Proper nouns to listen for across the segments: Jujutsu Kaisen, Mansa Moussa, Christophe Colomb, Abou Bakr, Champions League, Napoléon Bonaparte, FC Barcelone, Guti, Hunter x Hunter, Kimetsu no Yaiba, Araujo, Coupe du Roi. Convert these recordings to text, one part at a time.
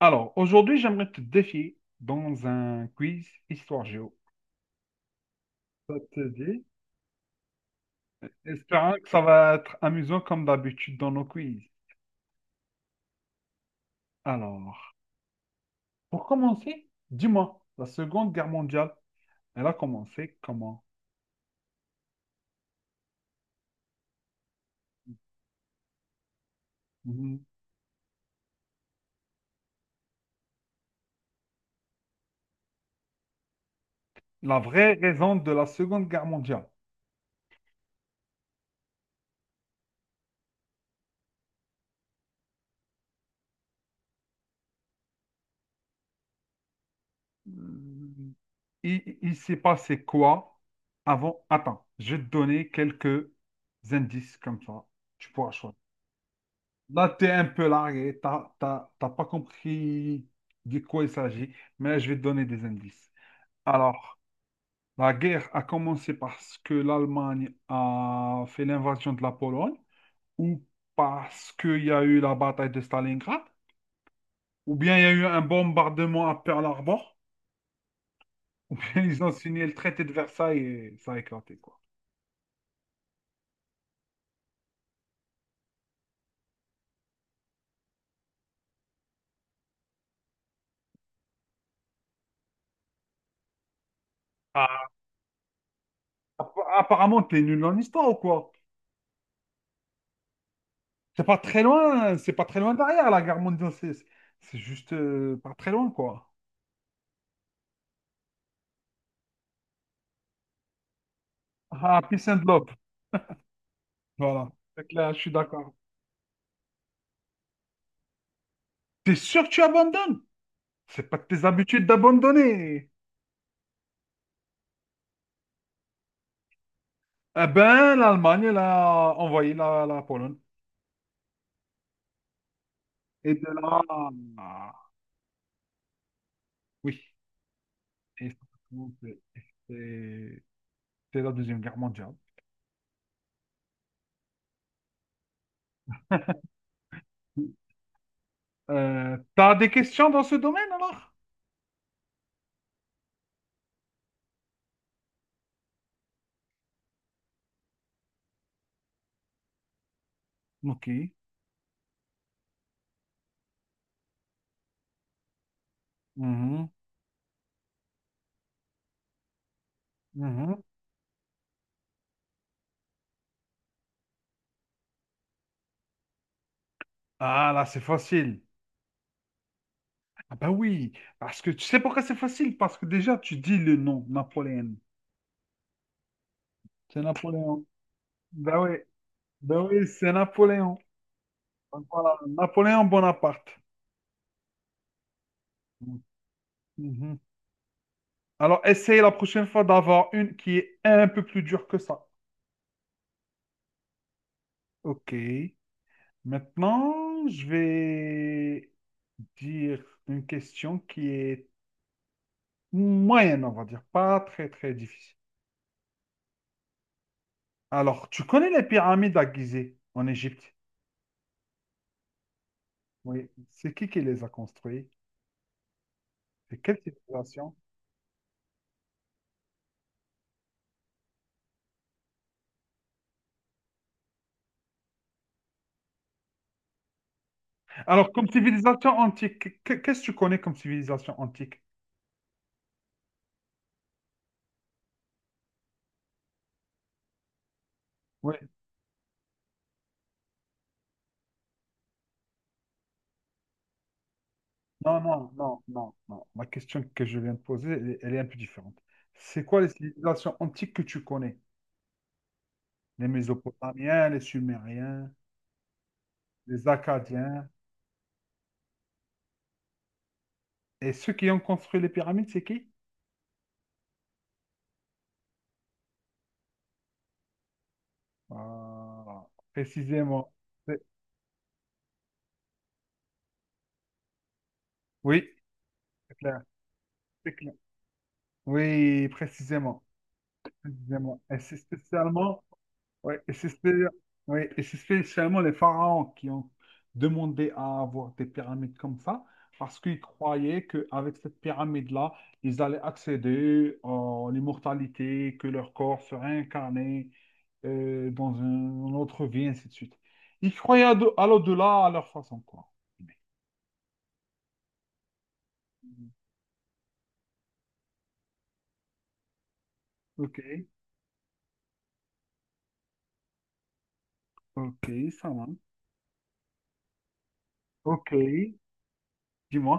Alors, aujourd'hui, j'aimerais te défier dans un quiz Histoire Géo. Ça te dit? Espérant que ça va être amusant comme d'habitude dans nos quiz. Alors, pour commencer, dis-moi, la Seconde Guerre mondiale, elle a commencé comment? Mhm. La vraie raison de la Seconde Guerre mondiale. Il s'est passé quoi avant? Attends, je vais te donner quelques indices comme ça. Tu pourras choisir. Là, tu es un peu largué, t'as pas compris de quoi il s'agit, mais je vais te donner des indices. Alors, la guerre a commencé parce que l'Allemagne a fait l'invasion de la Pologne, ou parce qu'il y a eu la bataille de Stalingrad, ou bien il y a eu un bombardement à Pearl Harbor, ou bien ils ont signé le traité de Versailles et ça a éclaté, quoi. Apparemment, t'es nul en histoire ou quoi? C'est pas très loin, c'est pas très loin derrière la guerre mondiale, juste pas très loin quoi. Ah, peace and love, voilà. Donc là, je suis d'accord. T'es sûr que tu abandonnes? C'est pas de tes habitudes d'abandonner. Eh ben, l'Allemagne, elle a envoyé la Pologne. Et de là, ah, oui, et c'est c'est la Deuxième Guerre mondiale. T'as des questions dans ce domaine alors? Ok. Mhm, mhm. Ah là, c'est facile. Ah bah oui, parce que tu sais pourquoi c'est facile? Parce que déjà, tu dis le nom, Napoléon. C'est Napoléon. Bah oui, bah oui, c'est Napoléon. Donc voilà, Napoléon Bonaparte. Mhm. Alors, essaye la prochaine fois d'avoir une qui est un peu plus dure que ça. Ok. Maintenant, je vais dire une question qui est moyenne, on va dire, pas très très difficile. Alors, tu connais les pyramides à Gizeh en Égypte? Oui, c'est qui les a construits? C'est quelle civilisation? Alors, comme civilisation antique, qu'est-ce que tu connais comme civilisation antique? Oui, non, non, non, non, non. Ma question que je viens de poser, elle est un peu différente. C'est quoi les civilisations antiques que tu connais? Les Mésopotamiens, les Sumériens, les Akkadiens. Et ceux qui ont construit les pyramides, c'est qui? Voilà, précisément. C'est- Oui, c'est clair, c'est clair. Oui, précisément, précisément. Et c'est spécialement Ouais, et c'est spé- ouais, et c'est spécialement les pharaons qui ont demandé à avoir des pyramides comme ça, parce qu'ils croyaient qu'avec cette pyramide-là, ils allaient accéder à l'immortalité, que leur corps serait incarné dans une autre vie, ainsi de suite. Ils croyaient à l'au-delà à leur façon, quoi. Ok, ok, ça va. Ok, dis-moi.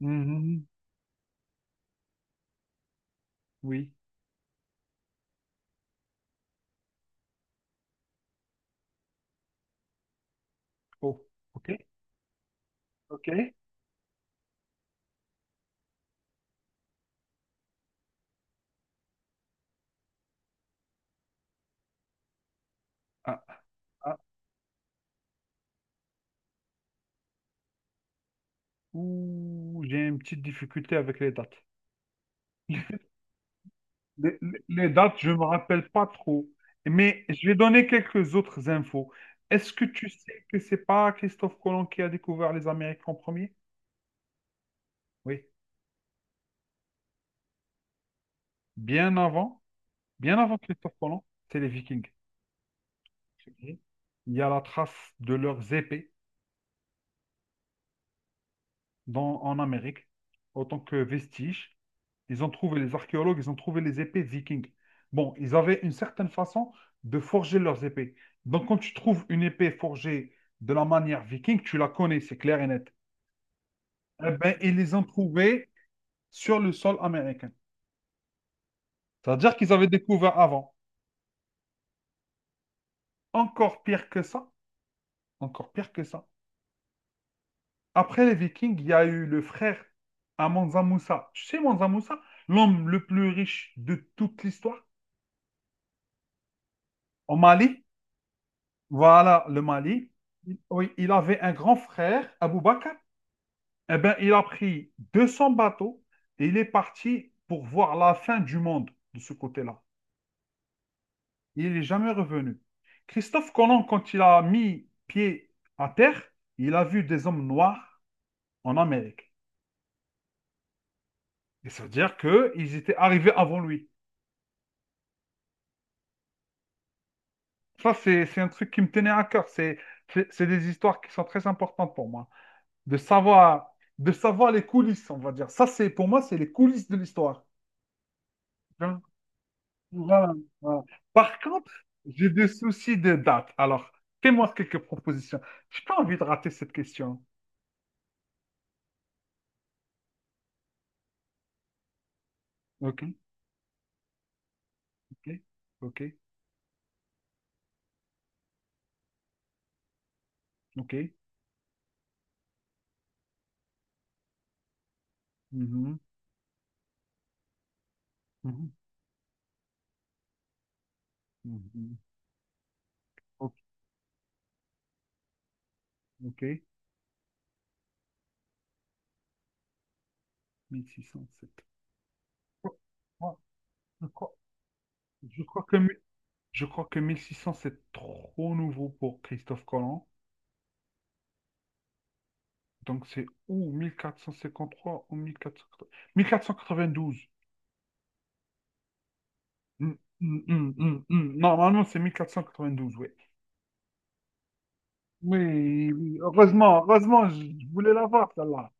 Mhm, oui. Oh, ok, ok. Ah, ah. Ouh, j'ai une petite difficulté avec les dates. Les dates, je ne me rappelle pas trop. Mais je vais donner quelques autres infos. Est-ce que tu sais que c'est pas Christophe Colomb qui a découvert les Amériques en premier? Oui. Bien avant, bien avant Christophe Colomb, c'est les Vikings. Il y a la trace de leurs épées en Amérique, autant que vestige. Ils ont trouvé les archéologues, ils ont trouvé les épées vikings. Bon, ils avaient une certaine façon de forger leurs épées. Donc, quand tu trouves une épée forgée de la manière viking, tu la connais, c'est clair et net. Eh bien, ils les ont trouvées sur le sol américain. C'est-à-dire qu'ils avaient découvert avant. Encore pire que ça, encore pire que ça. Après les Vikings, il y a eu le frère à Mansa Moussa. Tu sais, Mansa Moussa, l'homme le plus riche de toute l'histoire, au Mali, voilà, le Mali. Oui, il avait un grand frère, Abou Bakr. Eh bien, il a pris 200 bateaux et il est parti pour voir la fin du monde de ce côté-là. Il n'est jamais revenu. Christophe Colomb, quand il a mis pied à terre, il a vu des hommes noirs en Amérique. Et ça veut dire qu'ils étaient arrivés avant lui. Ça, c'est un truc qui me tenait à cœur. C'est des histoires qui sont très importantes pour moi. de savoir, de savoir les coulisses, on va dire. Ça, c'est pour moi, c'est les coulisses de l'histoire. Hein. Voilà, voilà. Par contre, j'ai des soucis de date. Alors, fais-moi quelques propositions. J'ai pas envie de rater cette question. Ok, ok, ok, ok. Mhm, mhm, mhm. Ok, ok. 1607. Oh, oh, Je crois, je crois que, mi- je crois que 1600, c'est trop nouveau pour Christophe Colomb. Donc c'est ou 1453 ou 1480 1492. Mm, mm, mm, mm, mm. Normalement, c'est 1492 oui. Oui, oui. Heureusement, heureusement, je voulais l'avoir, celle-là.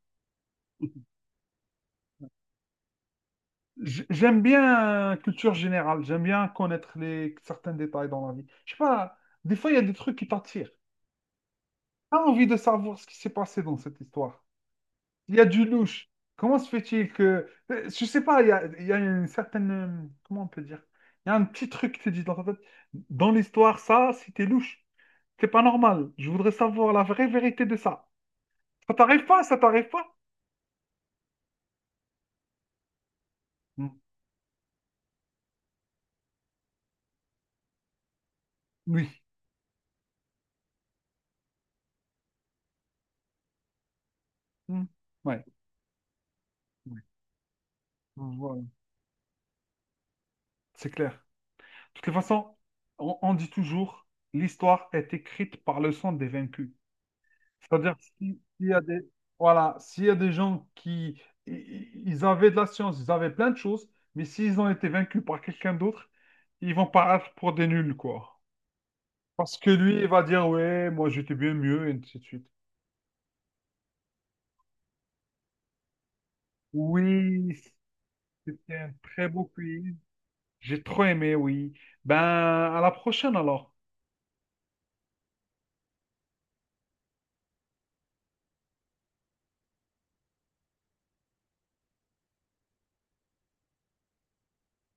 J'aime bien culture générale, j'aime bien connaître certains détails dans la vie. Je sais pas, des fois, il y a des trucs qui t'attirent. T'as envie de savoir ce qui s'est passé dans cette histoire. Il y a du louche. Comment se fait-il que? Je sais pas, il y a une certaine, comment on peut dire? Il y a un petit truc qui te dit dans ta tête, dans l'histoire, ça, si t'es louche, c'est pas normal. Je voudrais savoir la vraie vérité de ça. Ça t'arrive pas, ça t'arrive pas? Mm. Oui. Mm. Ouais. Oui. Voilà. C'est clair. De toute façon, on dit toujours, l'histoire est écrite par le sang des vaincus. C'est-à-dire, si- s'il y a des, voilà, s'il y a des gens qui, ils avaient de la science, ils avaient plein de choses, mais s'ils ont été vaincus par quelqu'un d'autre, ils vont paraître pour des nuls, quoi. Parce que lui, il va dire, ouais, moi j'étais bien mieux, et ainsi de suite. Oui, c'était un très beau quiz. J'ai trop aimé, oui. Ben, à la prochaine alors.